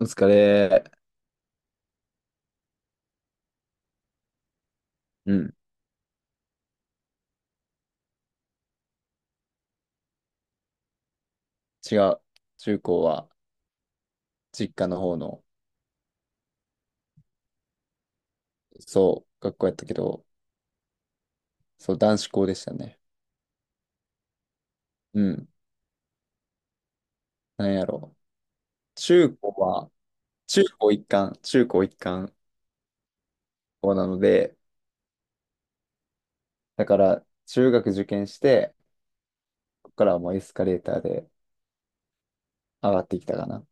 お疲れ。うん、違う。中高は実家の方の、そう、学校やったけど、そう、男子校でしたね。うん、なんやろ。中高は、中高一貫校なので、だから、中学受験して、ここからはもうエスカレーターで上がってきたかな。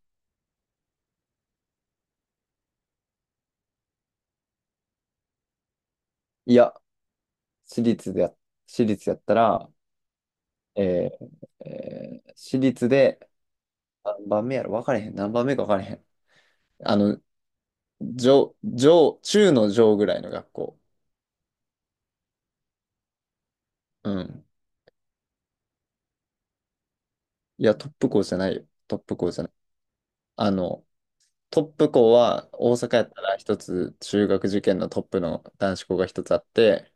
いや、私立でや、私立やったら、え私立で、何番目か分かれへん。あの、中の上ぐらいの学校。うん。いや、トップ校じゃないよ。トップ校じゃない。あの、トップ校は大阪やったら一つ中学受験のトップの男子校が一つあって、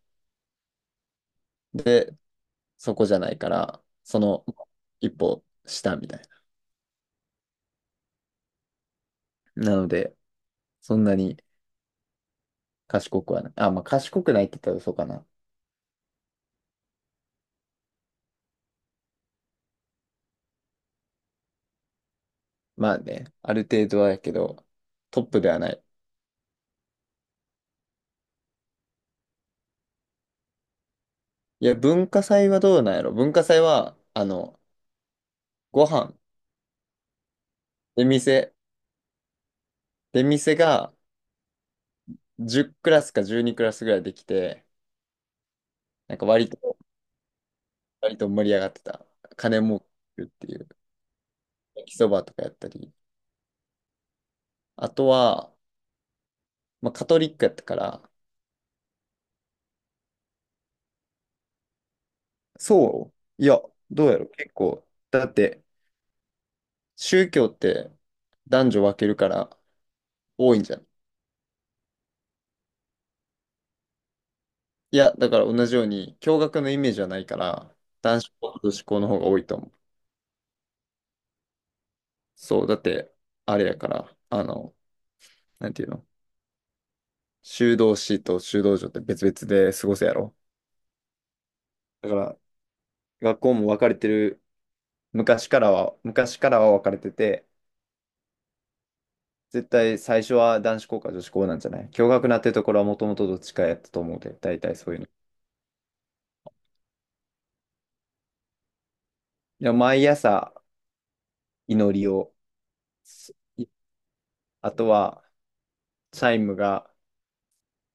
で、そこじゃないから、その一歩下みたいな。なので、そんなに賢くはない。あ、まあ賢くないって言ったらそうかな。まあね、ある程度はやけど、トップではない。いや、文化祭はどうなんやろ文化祭は、ご飯、出店、出店が10クラスか12クラスぐらいできて、なんか割と、割と盛り上がってた。金儲けっていう、焼きそばとかやったり。あとは、まあ、カトリックやったから、そういや、どうやろう結構。だって、宗教って男女分けるから多いんじゃん。いや、だから同じように、共学のイメージはないから、男子校と女子校の方が多いと思う。そう、だって、あれやから、なんていうの、修道士と修道女って別々で過ごすやろ。だから、学校も分かれてる昔からは、昔からは分かれてて、絶対最初は男子校か女子校なんじゃない、共学なってところはもともとどっちかやったと思うで、大体そういうの。いや、毎朝祈りを、すい、あとはチャイムが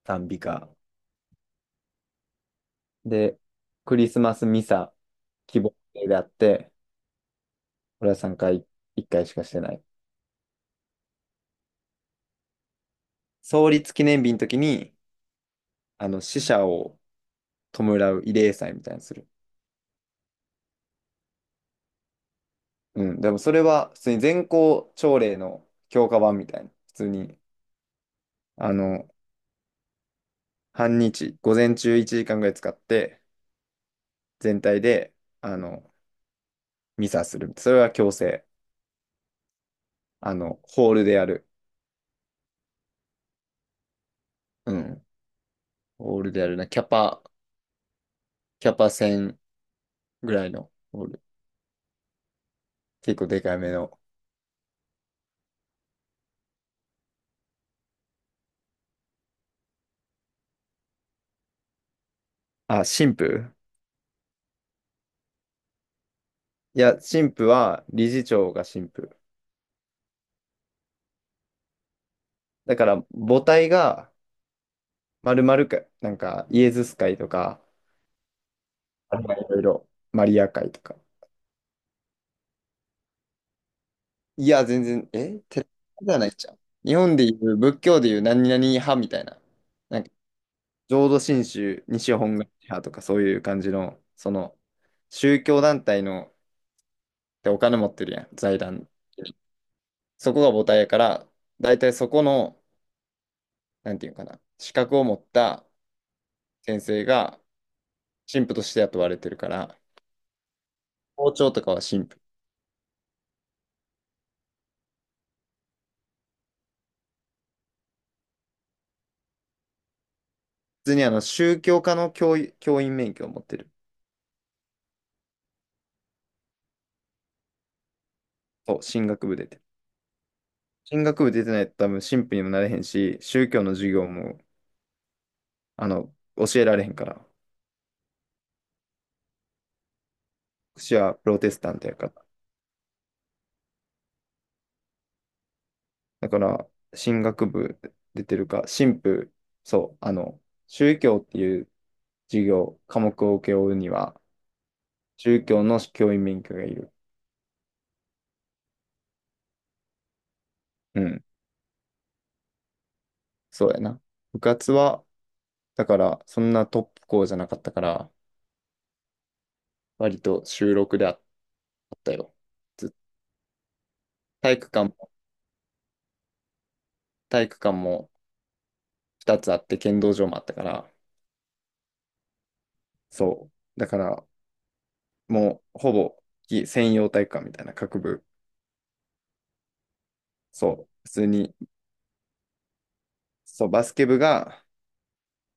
賛美歌。で、クリスマスミサ、希望祭であって、俺は3回、1回しかしてない。創立記念日の時に、死者を弔う慰霊祭みたいにする。うん、でもそれは普通に全校朝礼の強化版みたいな、普通にあの、半日、午前中1時間ぐらい使って、全体で、あの、ミサする。それは強制。あの、ホールでやる。うん。ホールでやるな。キャパ1000ぐらいのホール。結構でかいめの。あ、神父。いや、神父は理事長が神父。だから、母体が、まるまるか、なんか、イエズス会とか、あれはいろいろ、マリア会とか、いや、全然、え、寺じゃないじゃん。日本でいう、仏教でいう何々派みたいな。なんか、浄土真宗、西本願寺派とかそういう感じの、その、宗教団体の、でお金持ってるやん、財団。そこが母体やから、大体そこの、なんていうかな、資格を持った先生が神父として雇われてるから、校長とかは神父。普通にあの、宗教科の教、教員免許を持ってる。そう、進学部で。進学部出てないと多分神父にもなれへんし、宗教の授業も、あの、教えられへんから。私はプロテスタントやから。だから、進学部出てるか、神父、そう、あの、宗教っていう授業、科目を請け負うには、宗教の教員免許がいる。うん、そうやな。部活は、だから、そんなトップ校じゃなかったから、割と収録でああったよ。ず、体育館も、体育館も2つあって、剣道場もあったから、そう。だから、もう、ほぼ、専用体育館みたいな各部。そう。普通に、そう、バスケ部が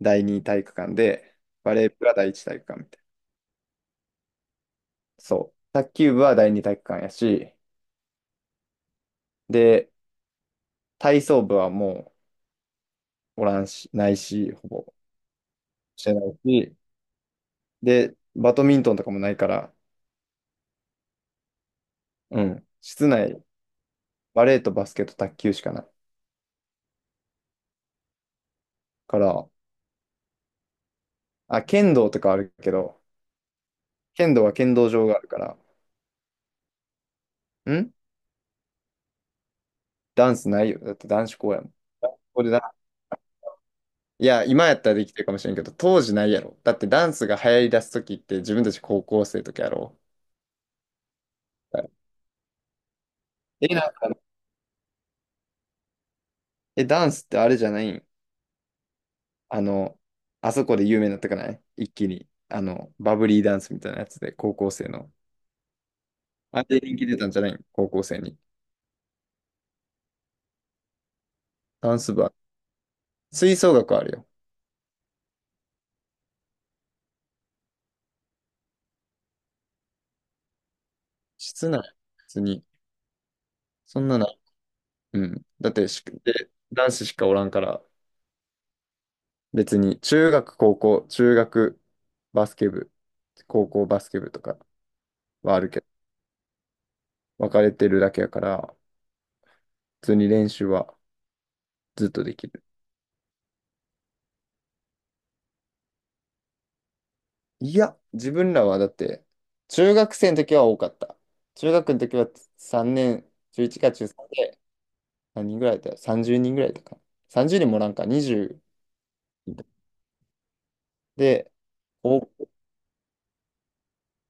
第二体育館で、バレー部が第一体育館みたいな。そう。卓球部は第二体育館やし、で、体操部はもう、おらんし、ないし、ほぼ、してないし、で、バドミントンとかもないから、うん。室内、バレーとバスケと卓球しかないから、あ、剣道とかあるけど、剣道は剣道場があるから、ん、ダンスないよ。だって男子校やもん。これだ。いや、今やったらできてるかもしれんけど、当時ないやろ。だってダンスが流行り出す時って自分たち高校生の時やろ。はい、え、なんか、え、ダンスってあれじゃないん、あの、あそこで有名になったかない一気に。あの、バブリーダンスみたいなやつで、高校生の。あれで人気出たんじゃないん、高校生に。ダンス部は。吹奏楽はあるよ。室内、別に。そんなない。うん。だってし、で、男子しかおらんから、別に、中学、高校、中学、バスケ部、高校バスケ部とか。はあるけど、分かれてるだけやから、普通に練習はずっとできる。いや、自分らはだって、中学生の時は多かった。中学の時は3年、中1か中3で、何人ぐらいだった？ 30 人ぐらいだったかな。30人もおらんか、20で、高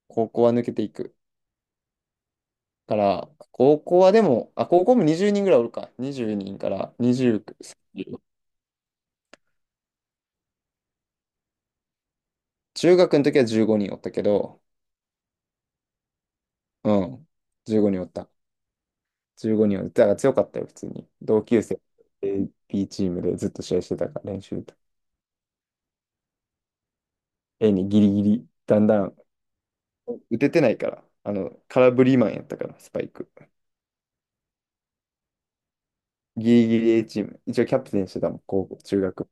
高校は抜けていく。から、高校はでも、あ、高校も20人ぐらいおるか。20人から20、さんじゅう、中学の時は15人おったけど、うん、15人おった。15人は、だから強かったよ、普通に。同級生、A B チームでずっと試合してたから、練習と。A にギリギリ、だんだん、打ててないから、あの、空振りマンやったから、スパイク。ギリギリ A チーム。一応キャプテンしてたもん、高校、中学。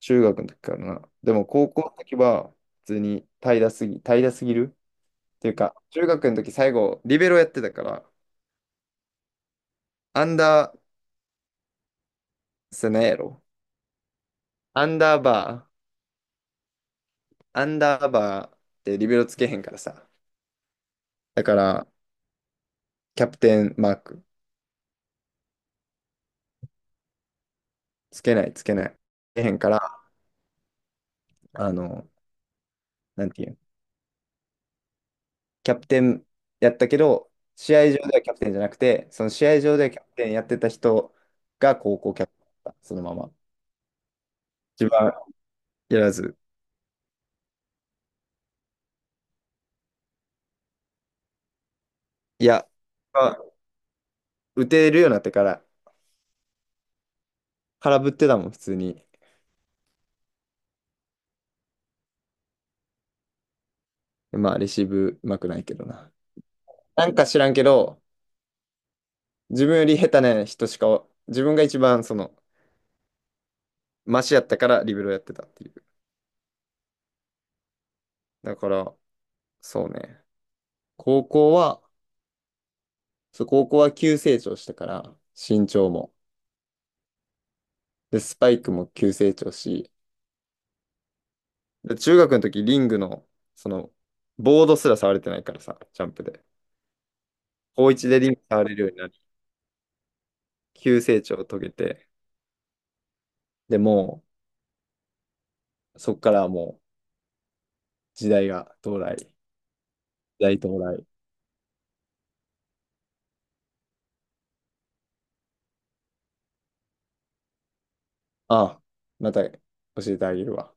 中学の時からな。でも高校の時は、普通に平らすぎるっていうか、中学の時最後、リベロやってたから、アンダー、スネやろ。アンダーバアンダーバーってリベロつけへんからさ。だから、キャプテンマーク、つけない。つけへんから、あの、なんていうん、キャプテンやったけど、試合上ではキャプテンじゃなくて、その試合上ではキャプテンやってた人が高校キャプテンだった、そのまま。自分はやらず。いや、まあ、打てるようになってから、空振ってたもん、普通に。まあ、レシーブうまくないけどな。なんか知らんけど、自分より下手な人しか、自分が一番その、マシやったからリベロやってたっていう。だから、そうね。高校は、そう、高校は急成長したから、身長も。で、スパイクも急成長し、で中学の時リングの、その、ボードすら触れてないからさ、ジャンプで。高1でリング触れるようになり、急成長を遂げて、でもう、そっからはもう、時代が到来。時代到来。ああ、また教えてあげるわ。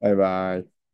バイバイ。